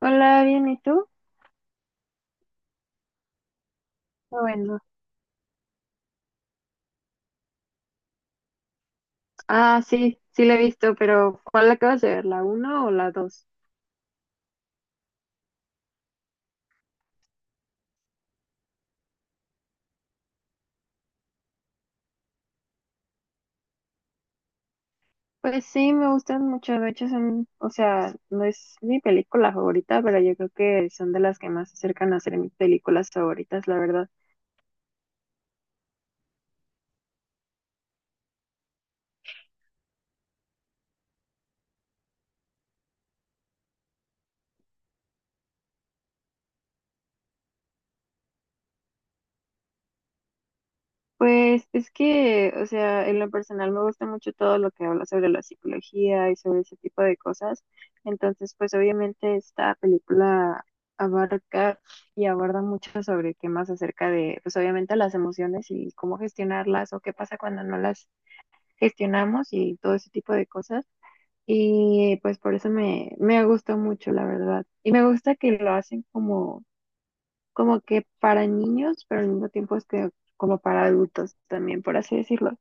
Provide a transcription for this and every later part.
Hola, bien, ¿y tú? Ah, bueno. Ah, sí, sí la he visto, pero ¿cuál acabas de ver? ¿La uno o la 2? Pues sí, me gustan mucho. De hecho, son, o sea, no es mi película favorita, pero yo creo que son de las que más se acercan a ser mis películas favoritas, la verdad. Pues es que, o sea, en lo personal me gusta mucho todo lo que habla sobre la psicología y sobre ese tipo de cosas. Entonces, pues obviamente esta película abarca y aborda mucho sobre temas acerca de, pues obviamente las emociones y cómo gestionarlas o qué pasa cuando no las gestionamos y todo ese tipo de cosas. Y pues por eso me gustó mucho, la verdad. Y me gusta que lo hacen como que para niños, pero al mismo tiempo es que como para adultos también, por así decirlo.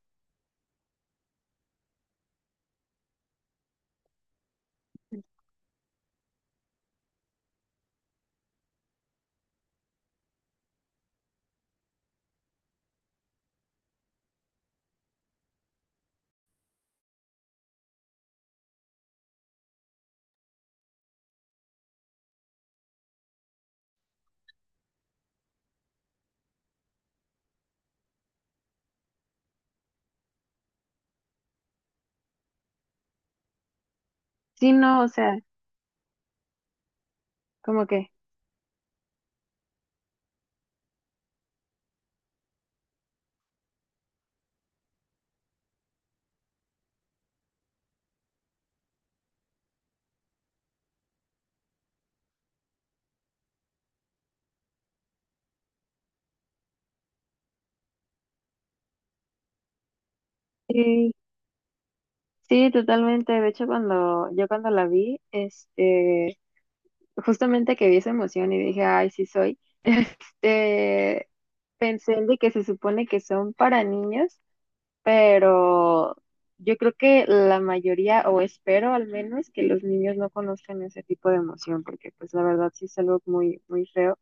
Sí, no, o sea, como que sí, sí, totalmente. De hecho, cuando la vi, justamente que vi esa emoción y dije, ay, sí soy, este, pensé en de que se supone que son para niños, pero yo creo que la mayoría, o espero al menos, que los niños no conozcan ese tipo de emoción, porque pues la verdad sí es algo muy, muy feo.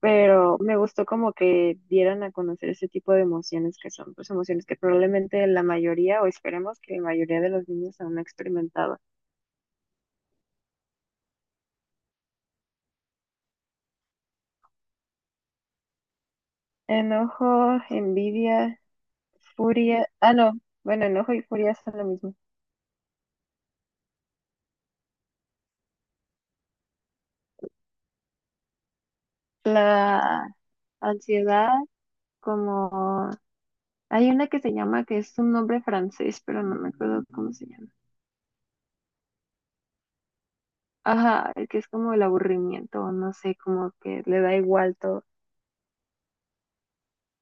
Pero me gustó como que dieran a conocer ese tipo de emociones que son, pues emociones que probablemente la mayoría, o esperemos que la mayoría de los niños aún no ha experimentado. Enojo, envidia, furia, ah, no, bueno, enojo y furia son lo mismo. La ansiedad, como, hay una que se llama, que es un nombre francés, pero no me acuerdo cómo se llama. Ajá, el que es como el aburrimiento, no sé, como que le da igual todo.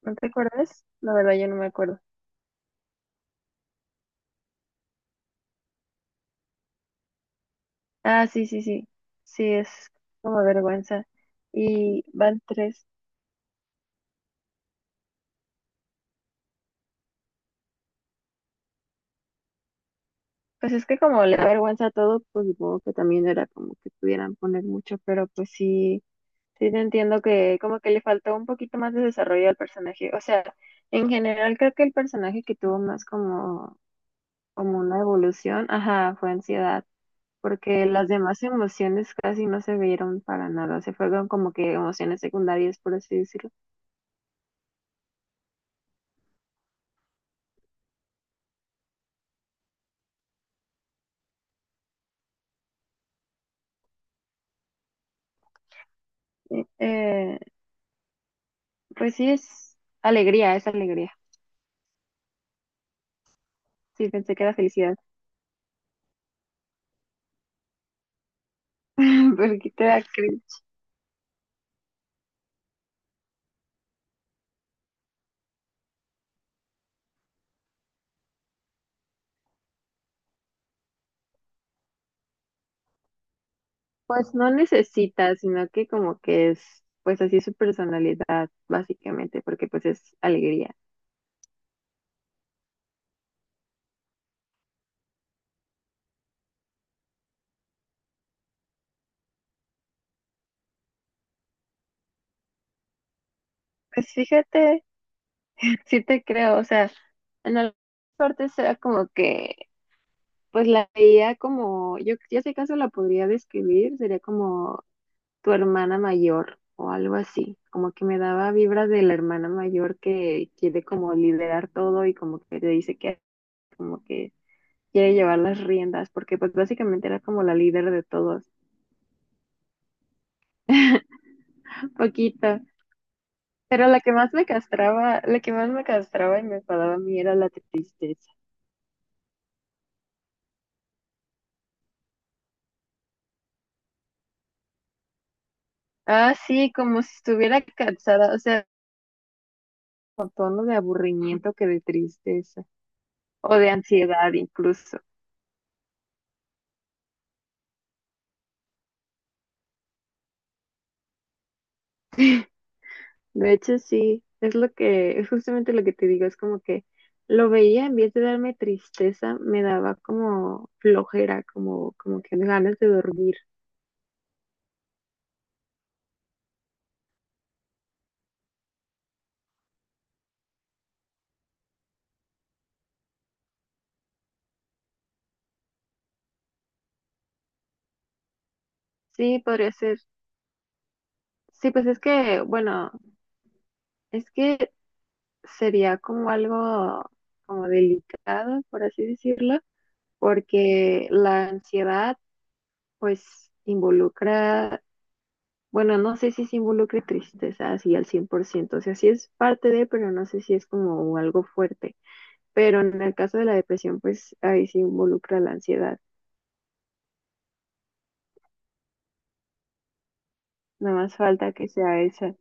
¿No te acuerdas? La verdad, yo no me acuerdo. Ah, sí, sí, sí. Sí, es como vergüenza. Y van tres. Pues es que como le da vergüenza a todo, pues supongo que también era como que pudieran poner mucho, pero pues sí, sí te entiendo que como que le faltó un poquito más de desarrollo al personaje. O sea, en general creo que el personaje que tuvo más como, una evolución, ajá, fue ansiedad, porque las demás emociones casi no se vieron para nada, se fueron como que emociones secundarias, por así decirlo. Eh, Pues sí es alegría, es alegría. Sí, pensé que era felicidad. Porque te da cringe. Pues no necesita, sino que como que es, pues así su personalidad, básicamente, porque pues es alegría. Pues fíjate, sí te creo, o sea, en algunas partes era como que, pues la veía como, yo si acaso la podría describir, sería como tu hermana mayor o algo así, como que me daba vibras de la hermana mayor que quiere como liderar todo y como que te dice que como que quiere llevar las riendas, porque pues básicamente era como la líder de todos, un poquito. Pero la que más me castraba, la que más me castraba y me enfadaba a mí era la tristeza. Ah, sí, como si estuviera cansada, o sea, con tono de aburrimiento que de tristeza, o de ansiedad incluso. De hecho, sí, es justamente lo que te digo, es como que lo veía, en vez de darme tristeza, me daba como flojera, como que ganas de dormir. Sí, podría ser. Sí, pues es que, bueno, es que sería como algo como delicado, por así decirlo, porque la ansiedad pues involucra, bueno, no sé si se involucre tristeza así al 100%, o sea, sí es parte de, pero no sé si es como algo fuerte. Pero en el caso de la depresión, pues ahí sí involucra la ansiedad, nada más falta que sea esa.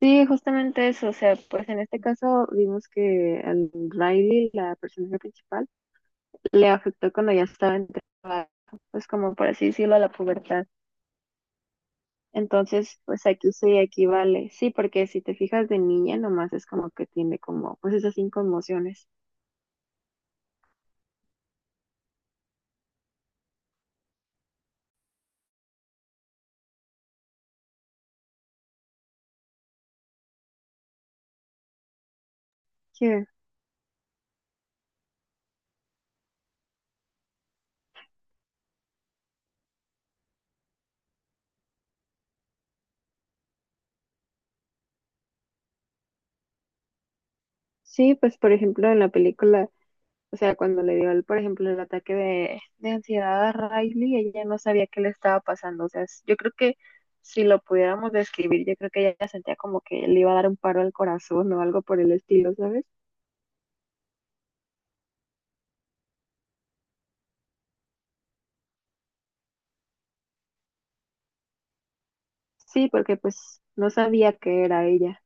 Sí, justamente eso, o sea, pues en este caso vimos que al Riley, la personaje principal, le afectó cuando ya estaba en trabajo, pues como por así decirlo, a la pubertad. Entonces, pues aquí sí, aquí vale. Sí, porque si te fijas de niña, nomás es como que tiene como, pues esas cinco emociones. Sí, sí, pues por ejemplo en la película, o sea, cuando le dio, el, por ejemplo, el ataque de ansiedad a Riley, ella no sabía qué le estaba pasando. O sea, yo creo que si lo pudiéramos describir, yo creo que ella sentía como que le iba a dar un paro al corazón o algo por el estilo, ¿sabes? Sí, porque pues no sabía qué era ella.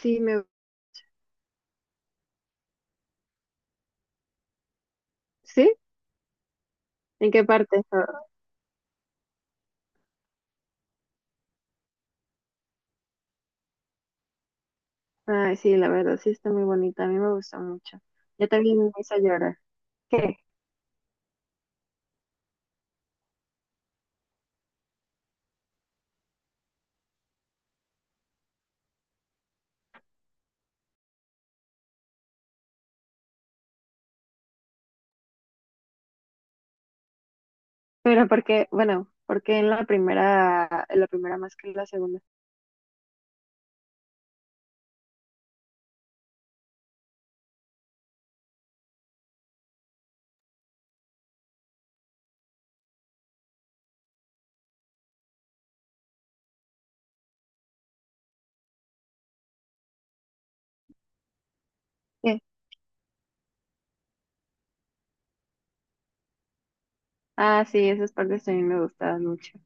Sí, me... ¿Sí? ¿En qué parte? Ay, sí, la verdad, sí está muy bonita. A mí me gustó mucho. Yo también me hizo llorar. ¿Qué? Pero porque, bueno, porque en la primera más que en la segunda. ¿Qué? Ah, sí, esas partes también me gustaban mucho.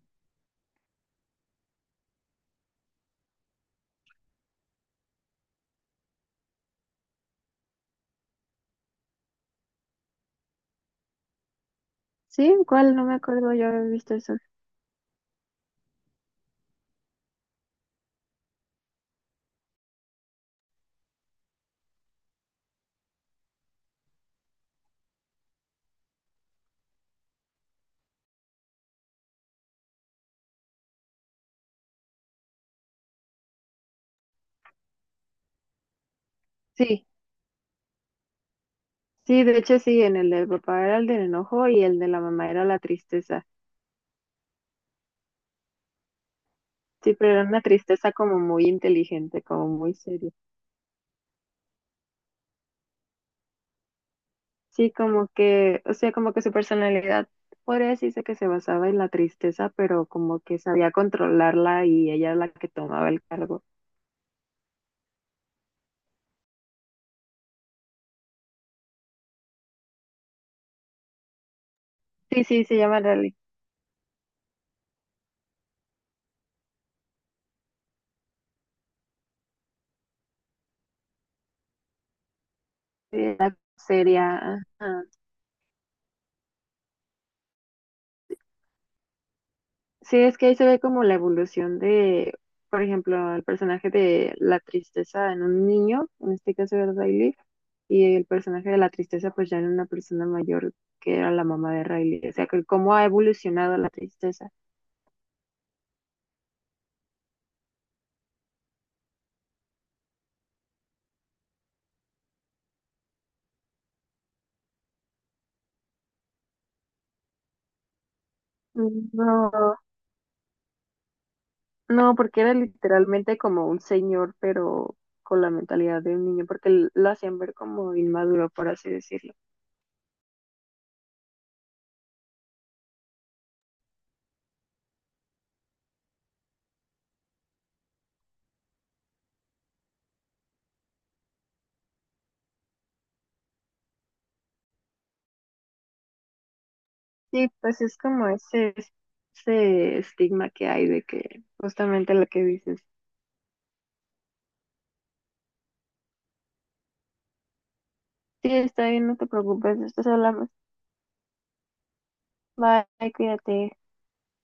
¿Sí? ¿Cuál? No me acuerdo yo haber visto eso. Sí, sí, de hecho sí, en el del papá era el del enojo y el de la mamá era la tristeza. Sí, pero era una tristeza como muy inteligente, como muy seria. Sí, como que, o sea, como que su personalidad podría decirse que se basaba en la tristeza, pero como que sabía controlarla y ella era la que tomaba el cargo. Sí, sí, se llama Rally. Sí, la seria. Ajá. Sí, es que ahí se ve como la evolución de, por ejemplo, el personaje de la tristeza en un niño, en este caso era Riley, y el personaje de la tristeza pues ya en una persona mayor que era la mamá de Riley. O sea, que cómo ha evolucionado la tristeza. No. No, porque era literalmente como un señor, pero con la mentalidad de un niño, porque lo hacían ver como inmaduro, por así decirlo. Sí, pues es como ese estigma que hay de que justamente lo que dices. Sí, está bien, no te preocupes, después hablamos. Bye, cuídate.